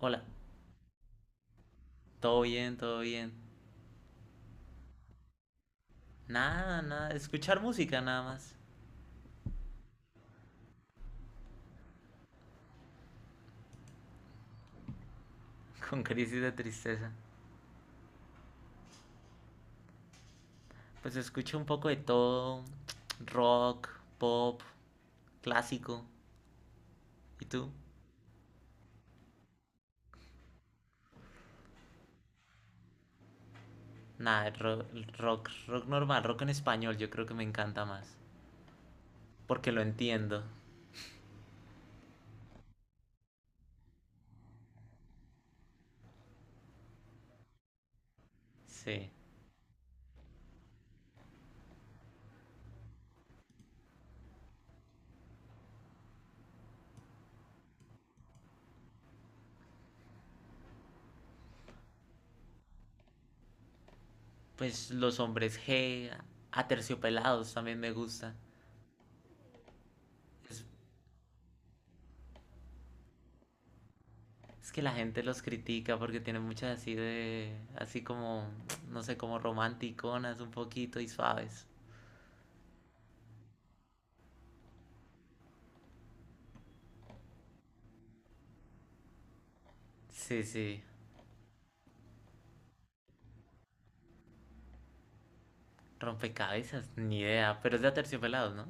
Hola, todo bien, todo bien. Nada, nada, escuchar música nada más. Con crisis de tristeza. Pues escucho un poco de todo. Rock, pop, clásico. ¿Y tú? Nada, rock, rock normal, rock en español, yo creo que me encanta más. Porque lo entiendo. Sí. Pues los hombres G, aterciopelados también me gusta. Es que la gente los critica porque tienen muchas así de, así como, no sé, como romanticonas un poquito y suaves. Sí, sí. Rompecabezas, ni idea, pero es de Aterciopelados, ¿no?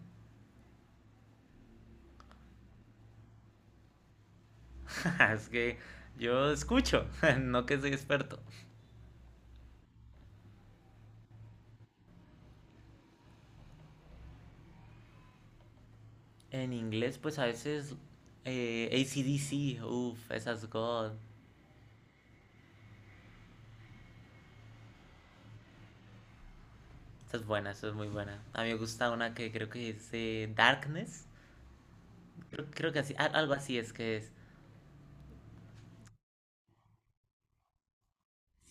Es que yo escucho, no que soy experto. En inglés, pues a veces ACDC, uff, esas God, esa es buena, esa es muy buena. A mí me gusta una que creo que es Darkness, creo, creo que así, algo así es que es.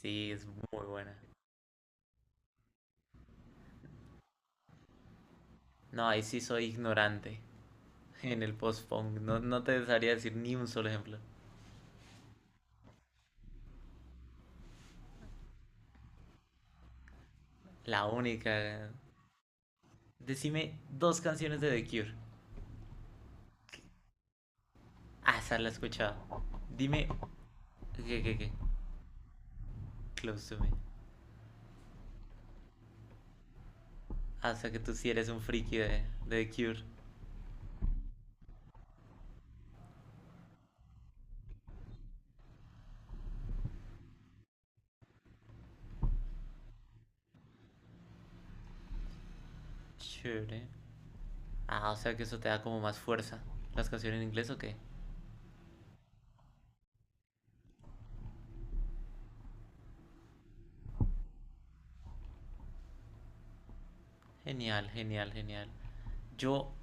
Sí, es muy buena. No, ahí sí soy ignorante en el post-punk. No, no te dejaría decir ni un solo ejemplo. La única. Decime dos canciones de The Cure. Hasta la he escuchado. Dime. ¿Qué, qué, qué? Close to me. Ah, o sea que tú sí eres un friki de The Cure. Chévere. Ah, o sea que eso te da como más fuerza. ¿Las canciones en inglés o qué? Genial, genial, genial. Yo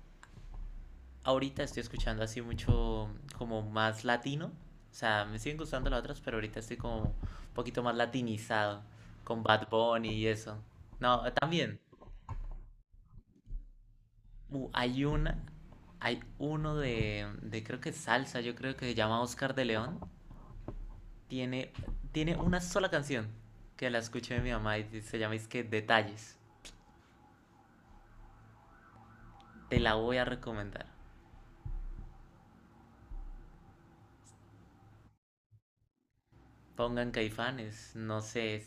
ahorita estoy escuchando así mucho como más latino. O sea, me siguen gustando las otras, pero ahorita estoy como un poquito más latinizado con Bad Bunny y eso. No, también hay una, hay uno de creo que salsa, yo creo que se llama Oscar de León. Tiene, tiene una sola canción que la escuché de mi mamá y se llama es que Detalles. Te la voy a recomendar. Pongan Caifanes, no sé,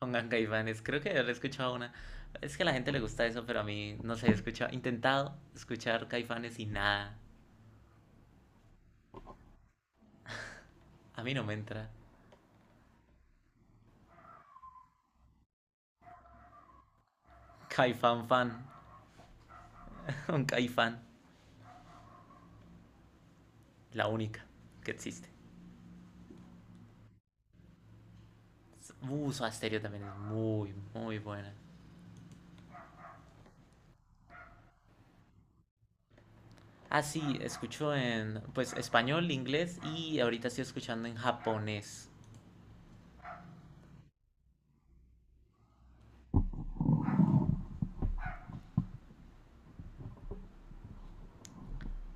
pongan Caifanes, creo que yo le he escuchado una. Es que a la gente le gusta eso, pero a mí, no sé, he escuchado, intentado escuchar Caifanes y nada. A mí no me entra. Caifán fan. Un Caifán, la única que existe. Soda Stereo también es muy, muy buena. Ah, sí, escucho en pues español, inglés y ahorita estoy escuchando en japonés.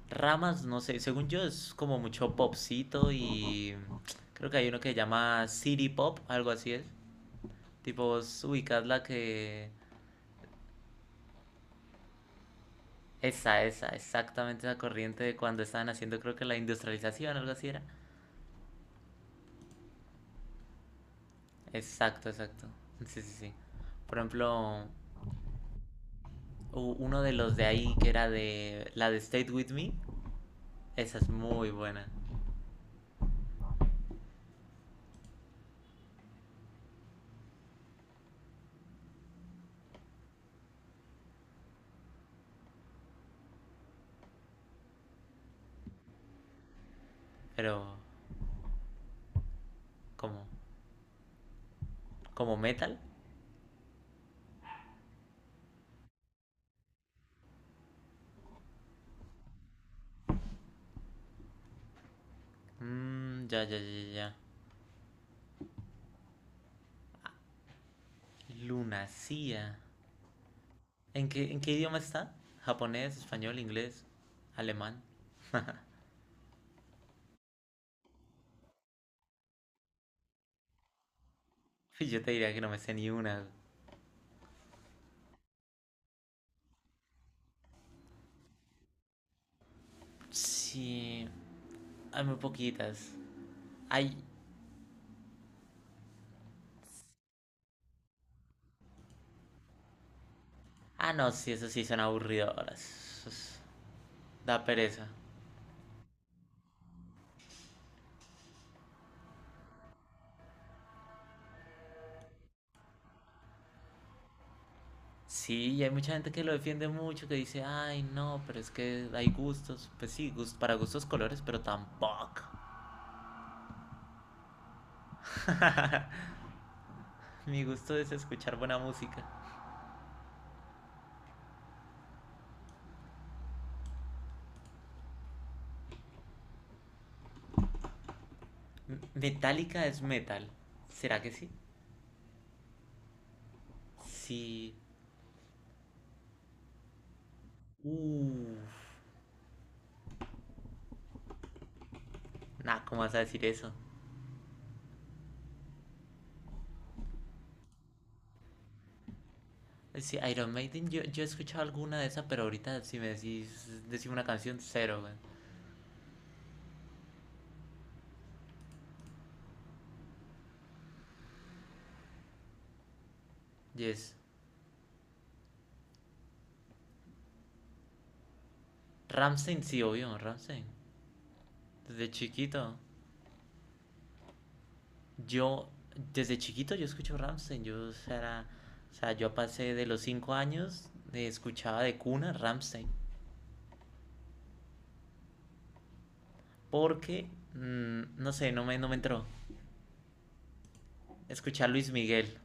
Ramas, no sé, según yo es como mucho popcito y creo que hay uno que se llama City Pop, algo así es. Tipo, vos ubicás la que... Esa, exactamente esa corriente de cuando estaban haciendo creo que la industrialización, algo así era. Exacto, exacto. Sí, sí, sí. Por ejemplo, uno de los de ahí que era de la de State With Me, esa es muy buena. Pero, ¿cómo? ¿Como metal? Ya, ya, ya, ya. Lunacía. En qué idioma está? ¿Japonés, español, inglés, alemán? Yo te diría que no me sé ni una. Sí, hay muy poquitas. Hay. Ah, no, sí, eso sí son aburridoras. Eso es- da pereza. Sí, y hay mucha gente que lo defiende mucho, que dice, ay, no, pero es que hay gustos. Pues sí, gust para gustos colores, pero tampoco. Mi gusto es escuchar buena música. Metallica es metal. ¿Será que sí? Sí. Uff. Nah, ¿cómo vas a decir eso? Sí, Iron Maiden, yo he escuchado alguna de esas, pero ahorita si me decís, decís una canción, cero, güey. Yes. Ramstein, sí, obvio, Ramstein. Desde chiquito. Yo, desde chiquito yo escucho Ramstein. Yo, o sea, o sea, yo pasé de los 5 años, de, escuchaba de cuna Ramstein. Porque, no sé, no me, no me entró. Escuchar Luis Miguel.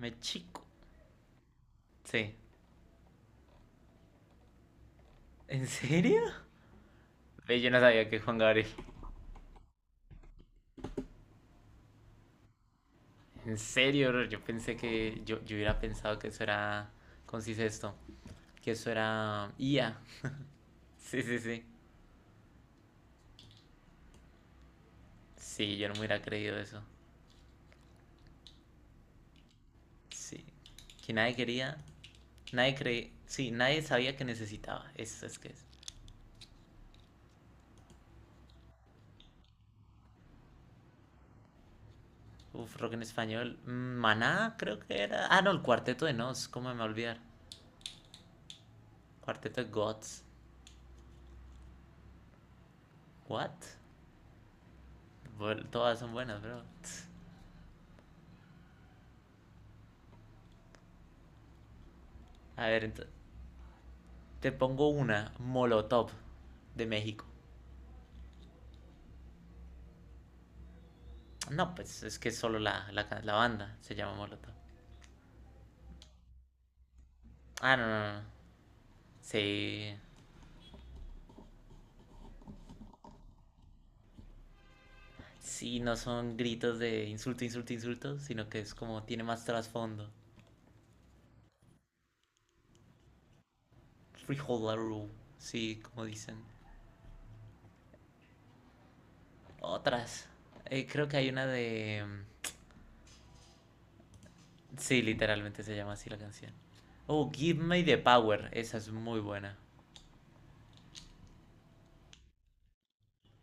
Me chico. Sí. ¿En serio? Ve, yo no sabía que Juan Gabriel. En serio, yo pensé que, yo hubiera pensado que eso era, ¿cómo se dice esto? Que eso era IA. Sí, sí, sí. Sí, yo no me hubiera creído eso. Sí. Que nadie quería, nadie creía, sí, nadie sabía que necesitaba. Eso es que es. Uf, rock en español. Maná, creo que era. Ah, no, el Cuarteto de Nos, cómo me voy a olvidar. Cuarteto de Gods. What? Bueno, todas son buenas, bro. A ver, te pongo una, Molotov, de México. No, pues es que solo la, la, la banda se llama Molotov. Ah, no, no, no. No. Sí. Sí, no son gritos de insulto, insulto, insulto, sino que es como tiene más trasfondo. Freeholder, Rule, sí, como dicen. Otras. Creo que hay una de... sí, literalmente se llama así la canción. Oh, Give Me the Power, esa es muy buena.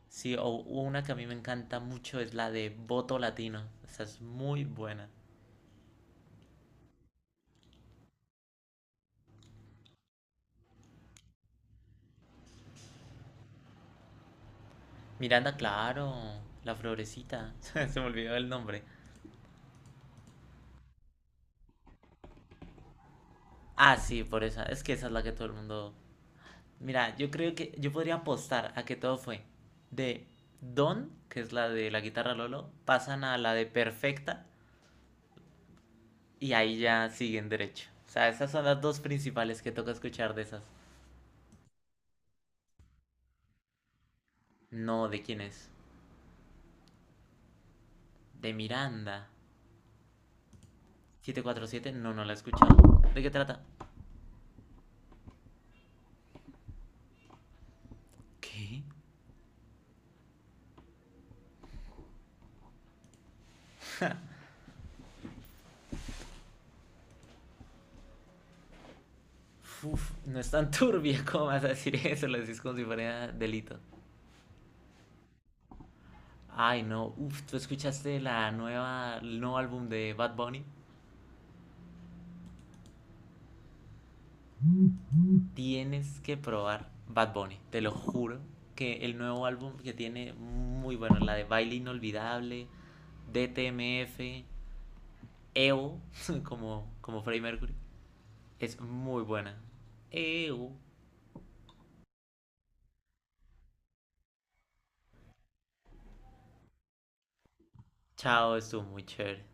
Sí, o una que a mí me encanta mucho es la de Voto Latino, esa es muy buena. Miranda, claro, la florecita, se me olvidó el nombre. Ah, sí, por esa, es que esa es la que todo el mundo. Mira, yo creo que yo podría apostar a que todo fue de Don, que es la de la guitarra Lolo, pasan a la de Perfecta y ahí ya siguen derecho. O sea, esas son las dos principales que toca escuchar de esas. No, ¿de quién es? De Miranda. 747, no, no la he escuchado. ¿De qué trata? ¿Qué? Uf, no es tan turbia, como vas a decir eso, lo decís como si fuera delito. Ay, no, uf, ¿tú escuchaste la nueva, el nuevo álbum de Bad Bunny? Tienes que probar Bad Bunny, te lo juro. Que el nuevo álbum que tiene muy bueno, la de Baile Inolvidable, DTMF, EO, como, como Freddie Mercury, es muy buena. EO, chao, estuvo muy chévere.